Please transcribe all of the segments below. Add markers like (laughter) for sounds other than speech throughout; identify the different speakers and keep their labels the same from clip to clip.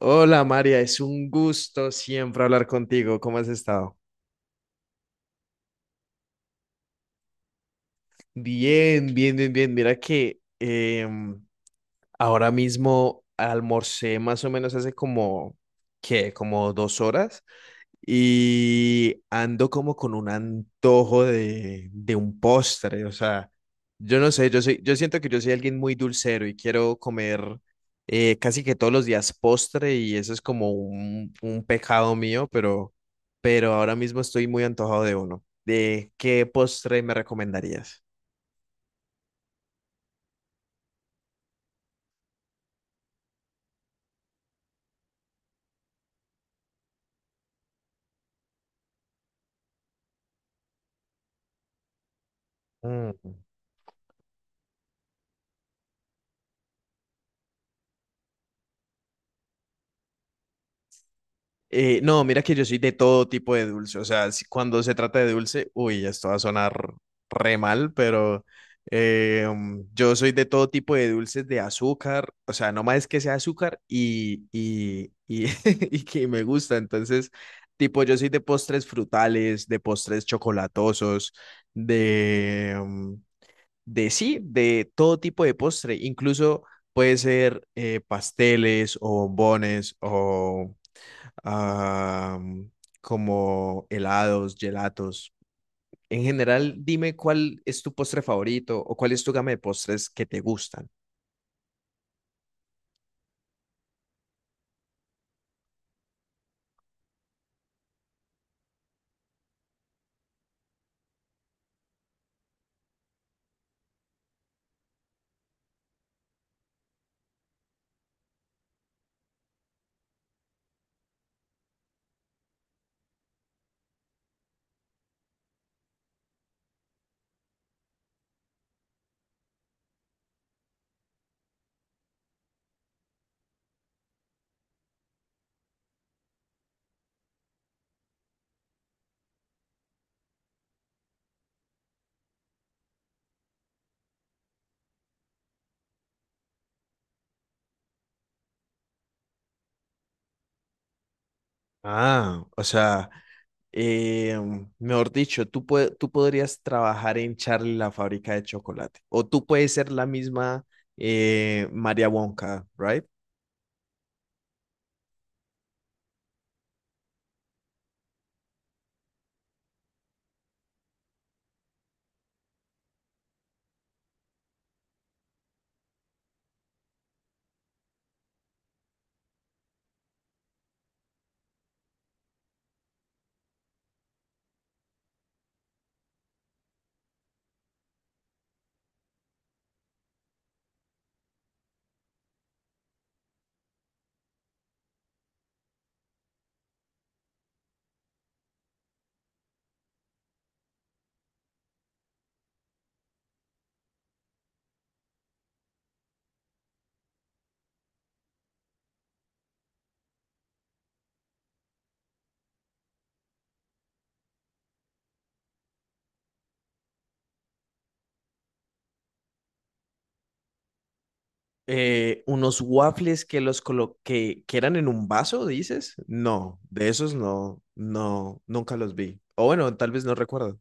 Speaker 1: Hola María, es un gusto siempre hablar contigo. ¿Cómo has estado? Bien, bien, bien, bien. Mira que ahora mismo almorcé más o menos hace como, ¿qué? Como 2 horas y ando como con un antojo de un postre, o sea, yo no sé, yo soy, yo siento que yo soy alguien muy dulcero y quiero comer casi que todos los días postre y eso es como un pecado mío, pero ahora mismo estoy muy antojado de uno. ¿De qué postre me recomendarías? Mm. No, mira que yo soy de todo tipo de dulce. O sea, cuando se trata de dulce, uy, esto va a sonar re mal, pero yo soy de todo tipo de dulces de azúcar. O sea, no más que sea azúcar y (laughs) y que me gusta. Entonces, tipo, yo soy de postres frutales, de postres chocolatosos, de, mm, de sí, de todo tipo de postre. Incluso puede ser pasteles o bombones o ah, como helados, gelatos. En general, dime cuál es tu postre favorito o cuál es tu gama de postres que te gustan. Ah, o sea, eh, mejor dicho, tú podrías trabajar en Charlie la fábrica de chocolate o tú puedes ser la misma María Wonka, ¿right? Unos waffles que los colo- que eran en un vaso, ¿dices? No, de esos no, no, nunca los vi. O bueno, tal vez no recuerdo.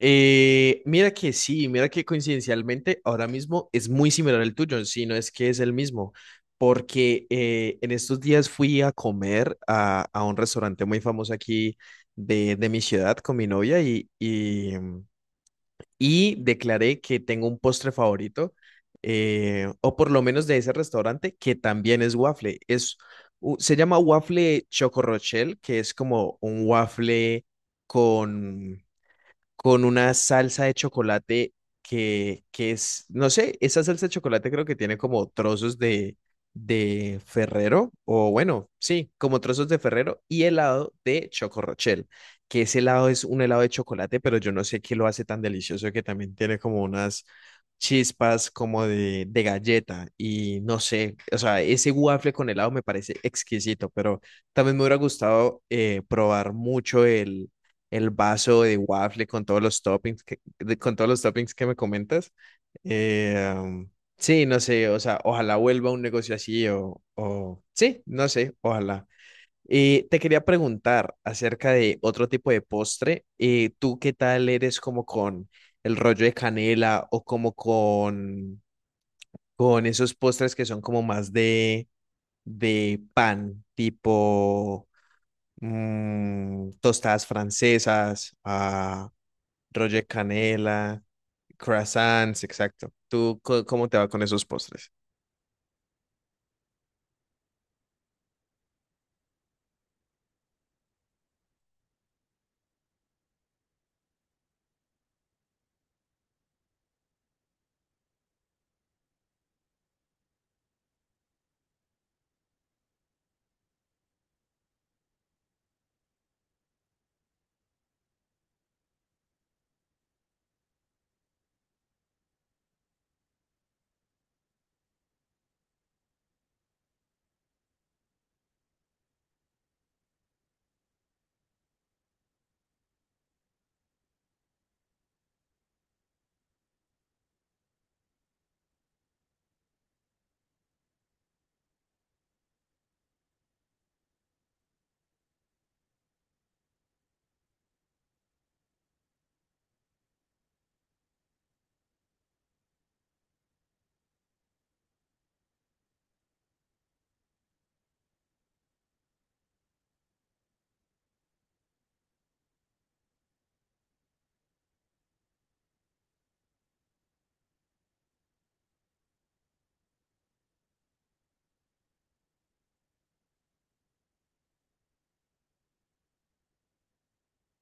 Speaker 1: Mira que sí, mira que coincidencialmente ahora mismo es muy similar al tuyo, si no es que es el mismo, porque en estos días fui a comer a un restaurante muy famoso aquí de mi ciudad con mi novia y y declaré que tengo un postre favorito, o por lo menos de ese restaurante, que también es waffle. Se llama waffle Choco Rochelle, que es como un waffle con con una salsa de chocolate que es, no sé, esa salsa de chocolate creo que tiene como trozos de Ferrero, o bueno, sí, como trozos de Ferrero y helado de Choco Rochelle, que ese helado es un helado de chocolate, pero yo no sé qué lo hace tan delicioso que también tiene como unas chispas como de galleta y no sé, o sea, ese waffle con helado me parece exquisito, pero también me hubiera gustado probar mucho el vaso de waffle con todos los toppings con todos los toppings que me comentas. Eh, um, sí, no sé, o sea, ojalá vuelva un negocio así o sí, no sé, ojalá. Y te quería preguntar acerca de otro tipo de postre. ¿Tú qué tal eres como con el rollo de canela o como con esos postres que son como más de pan, tipo tostadas francesas, ah, Roger Canela, croissants, exacto. ¿Tú cómo te va con esos postres?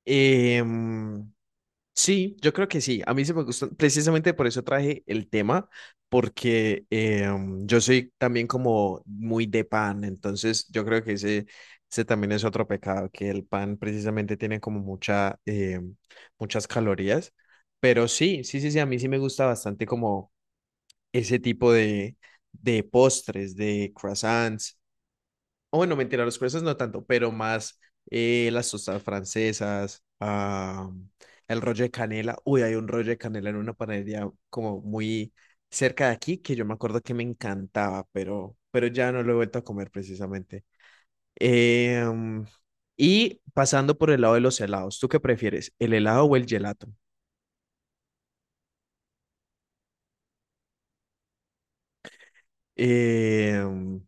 Speaker 1: Em, sí, yo creo que sí. A mí se me gustan, precisamente por eso traje el tema, porque yo soy también como muy de pan, entonces yo creo que ese también es otro pecado, que el pan precisamente tiene como mucha, muchas calorías. Pero sí, sí, sí, sí, a mí sí me gusta bastante como ese tipo de postres, de croissants o bueno, mentira, los persas no tanto, pero más las tostas francesas, ah, el rollo de canela. Uy, hay un rollo de canela en una panadería como muy cerca de aquí que yo me acuerdo que me encantaba, pero ya no lo he vuelto a comer precisamente. Em, y pasando por el lado de los helados, ¿tú qué prefieres, el helado o el gelato? Em,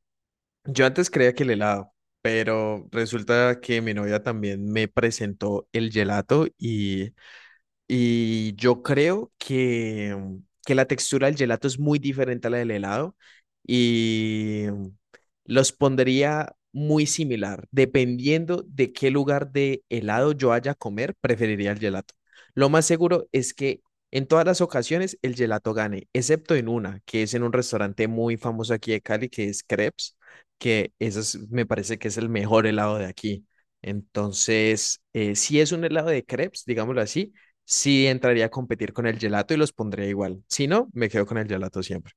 Speaker 1: yo antes creía que el helado, pero resulta que mi novia también me presentó el gelato y yo creo que, que la textura del gelato es muy diferente a la del helado y los pondría muy similar. Dependiendo de qué lugar de helado yo haya a comer, preferiría el gelato. Lo más seguro es que en todas las ocasiones el gelato gane, excepto en una, que es en un restaurante muy famoso aquí de Cali, que es Crepes, que me parece que es el mejor helado de aquí. Entonces, si es un helado de crepes, digámoslo así, sí entraría a competir con el gelato y los pondría igual. Si no, me quedo con el gelato siempre.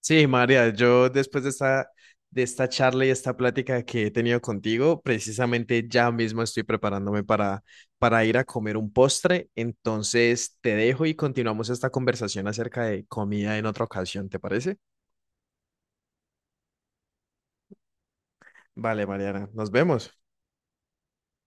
Speaker 1: Sí, María, yo después de esta charla y esta plática que he tenido contigo, precisamente ya mismo estoy preparándome para ir a comer un postre. Entonces te dejo y continuamos esta conversación acerca de comida en otra ocasión, ¿te parece? Vale, Mariana, nos vemos.